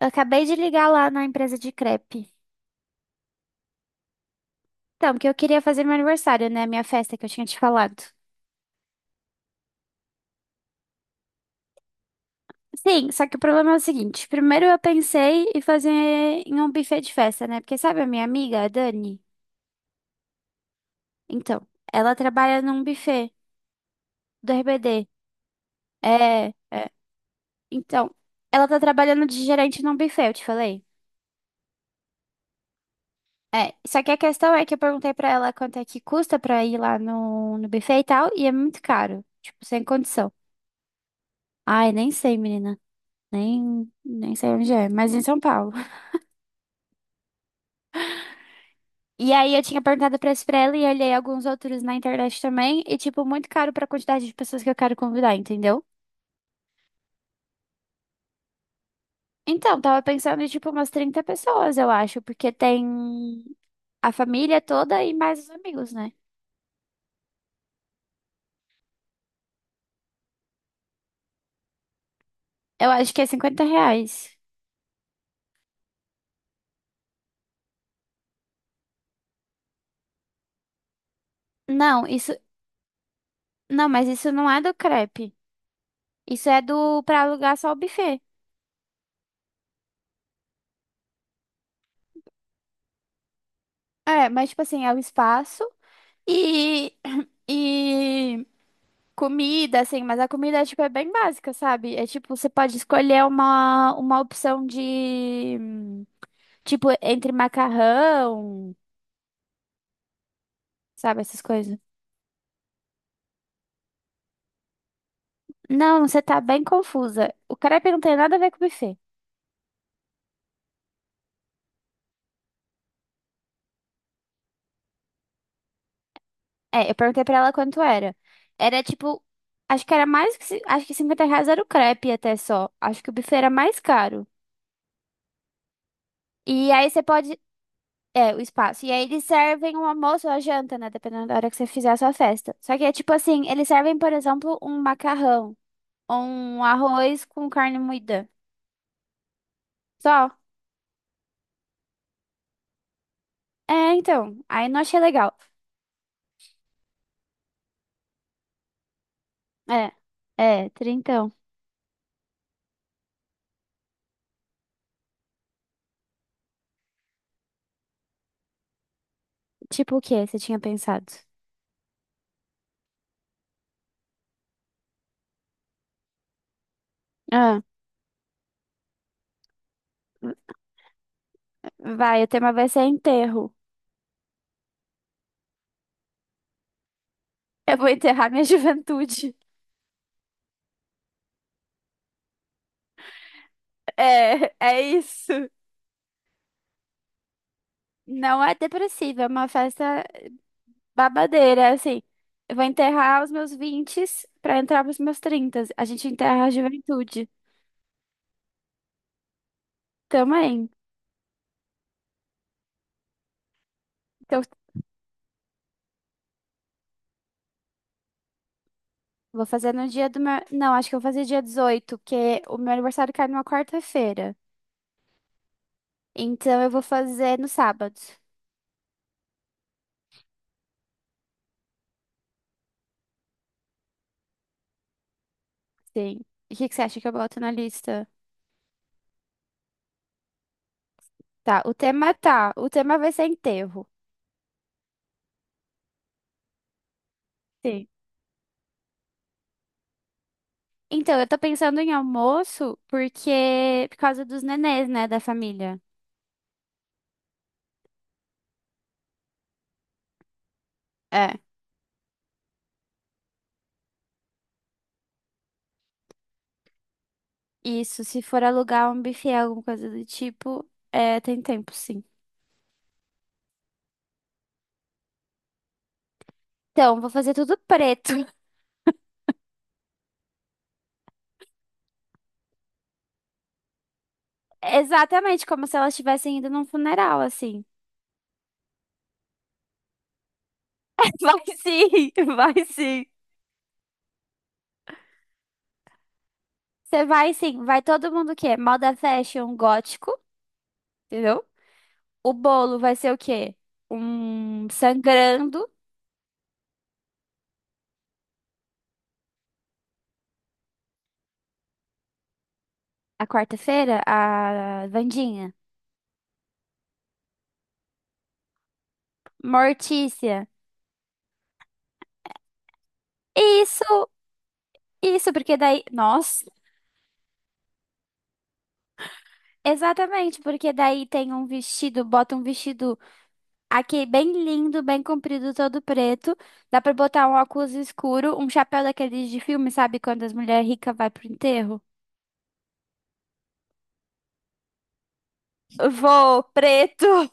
Eu acabei de ligar lá na empresa de crepe. Então, porque eu queria fazer meu aniversário, né? Minha festa que eu tinha te falado. Sim, só que o problema é o seguinte. Primeiro eu pensei em fazer em um buffet de festa, né? Porque sabe a minha amiga, a Dani? Então, ela trabalha num buffet do RBD. É, é. Então, ela tá trabalhando de gerente num buffet, eu te falei. É, só que a questão é que eu perguntei pra ela quanto é que custa pra ir lá no buffet e tal, e é muito caro. Tipo, sem condição. Ai, nem sei, menina. Nem sei onde é, mas em São Paulo. E aí eu tinha perguntado pra isso pra ela e olhei alguns outros na internet também. E, tipo, muito caro pra quantidade de pessoas que eu quero convidar, entendeu? Então, tava pensando em, tipo, umas 30 pessoas, eu acho. Porque tem a família toda e mais os amigos, né? Eu acho que é cinquenta reais. Não, isso... Não, mas isso não é do crepe. Isso é do... Pra alugar só o buffet. É, mas, tipo assim, é o espaço e... E comida, assim, mas a comida é, tipo, é bem básica, sabe? É tipo, você pode escolher uma opção de, tipo, entre macarrão, sabe, essas coisas. Não, você tá bem confusa. O crepe não tem nada a ver com buffet. É, eu perguntei pra ela quanto era. Era, tipo, acho que era mais que, acho que 50 reais era o crepe até só. Acho que o buffet era mais caro. E aí você pode, é, o espaço. E aí eles servem um almoço ou a janta, né? Dependendo da hora que você fizer a sua festa. Só que é tipo assim, eles servem, por exemplo, um macarrão ou um arroz com carne moída. Só. É, então. Aí não achei legal. É. É, trintão. Tipo o que você tinha pensado? Ah, vai, o tema vai ser enterro. Eu vou enterrar minha juventude. É, é isso. Não é depressiva, é uma festa babadeira, é assim. Eu vou enterrar os meus 20 pra entrar pros meus trinta. A gente enterra a juventude também. Então, vou fazer no dia do meu. Não, acho que eu vou fazer dia 18 porque o meu aniversário cai numa quarta-feira. Então, eu vou fazer no sábado. Sim. E o que que você acha que eu boto na lista? Tá. O tema vai ser enterro. Sim. Então, eu tô pensando em almoço porque por causa dos nenês, né, da família. É. Isso, se for alugar um buffet, alguma coisa do tipo, é, tem tempo, sim. Então, vou fazer tudo preto. Exatamente, como se elas estivessem indo num funeral, assim. Vai sim, vai sim. Você vai sim, vai todo mundo o quê? Moda fashion gótico, entendeu? O bolo vai ser o quê? Um sangrando. A quarta-feira, a Vandinha. Mortícia. Isso, isso, porque daí. Nossa, exatamente, porque daí tem um vestido, bota um vestido. Aqui, bem lindo, bem comprido, todo preto. Dá pra botar um óculos escuro, um chapéu daqueles de filme, sabe? Quando as mulheres ricas vai pro enterro. Vou, preto.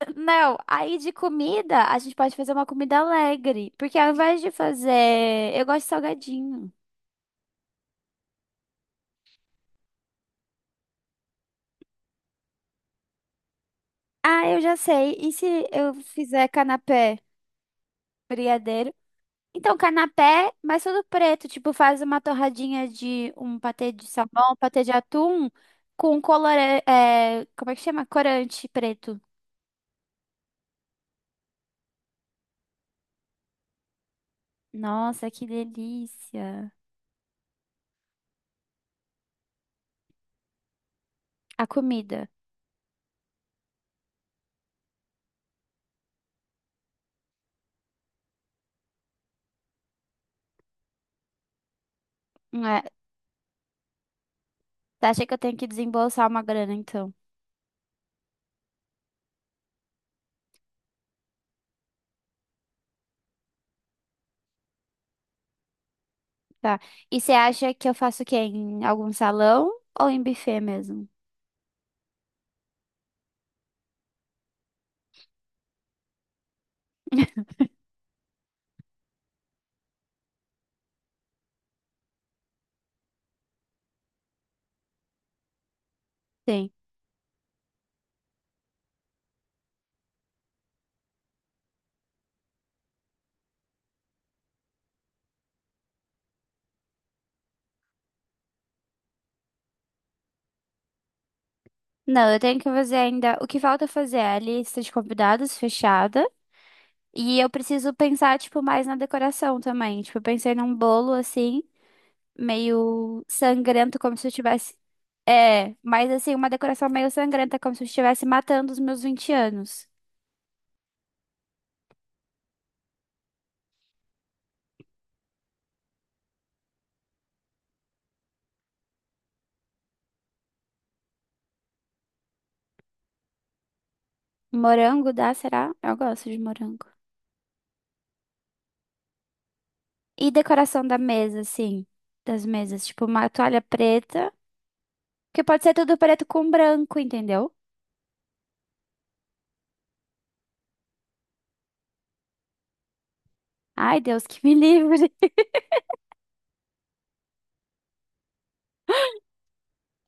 Não, aí de comida, a gente pode fazer uma comida alegre. Porque ao invés de fazer. Eu gosto de salgadinho. Ah, eu já sei. E se eu fizer canapé? Brigadeiro. Então, canapé, mas tudo preto. Tipo, faz uma torradinha de um patê de salmão, um patê de atum com colorante. É, como é que chama? Corante preto. Nossa, que delícia. A comida. É, tá, achei que eu tenho que desembolsar uma grana, então. Tá. E você acha que eu faço o quê? Em algum salão ou em buffet mesmo? Sim. Não, eu tenho que fazer ainda. O que falta fazer é a lista de convidados fechada. E eu preciso pensar, tipo, mais na decoração também. Tipo, eu pensei num bolo, assim, meio sangrento, como se eu tivesse... É, mas assim, uma decoração meio sangrenta, como se eu estivesse matando os meus 20 anos. Morango dá, será? Eu gosto de morango. E decoração da mesa, assim, das mesas. Tipo, uma toalha preta, que pode ser tudo preto com branco, entendeu? Ai, Deus, que me livre.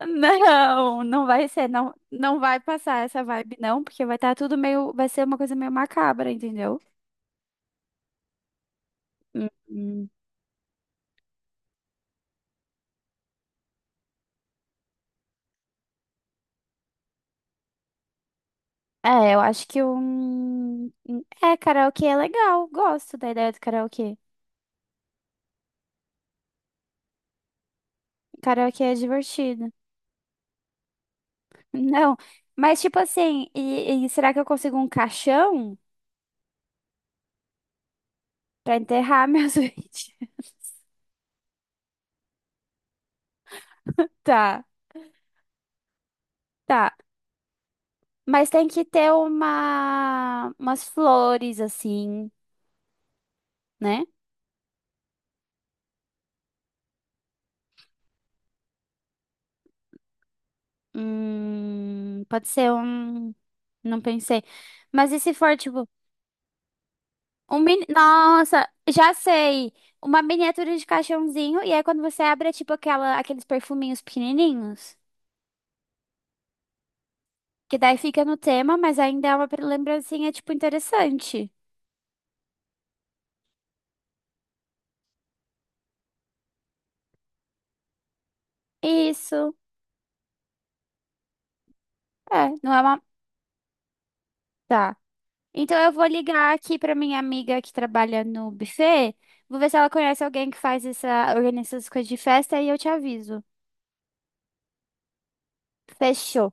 Não, não vai ser, não, não vai passar essa vibe, não, porque vai estar tudo meio, vai ser uma coisa meio macabra, entendeu? Hum, hum. É, eu acho que é, karaokê é legal, gosto da ideia do karaokê. Karaokê é divertido. Não, mas tipo assim, e será que eu consigo um caixão pra enterrar meus vídeos? Tá, tá. Mas tem que ter uma, umas flores assim, né? Pode ser um. Não pensei. Mas e se for, tipo, um mini... Nossa, já sei. Uma miniatura de caixãozinho. E aí, quando você abre, é tipo aquela, aqueles perfuminhos pequenininhos. Que daí fica no tema, mas ainda é uma lembrancinha, tipo, interessante. Isso. É, não é uma... Tá. Então, eu vou ligar aqui pra minha amiga que trabalha no buffet. Vou ver se ela conhece alguém que faz essa... Organiza essas coisas de festa e eu te aviso. Fechou.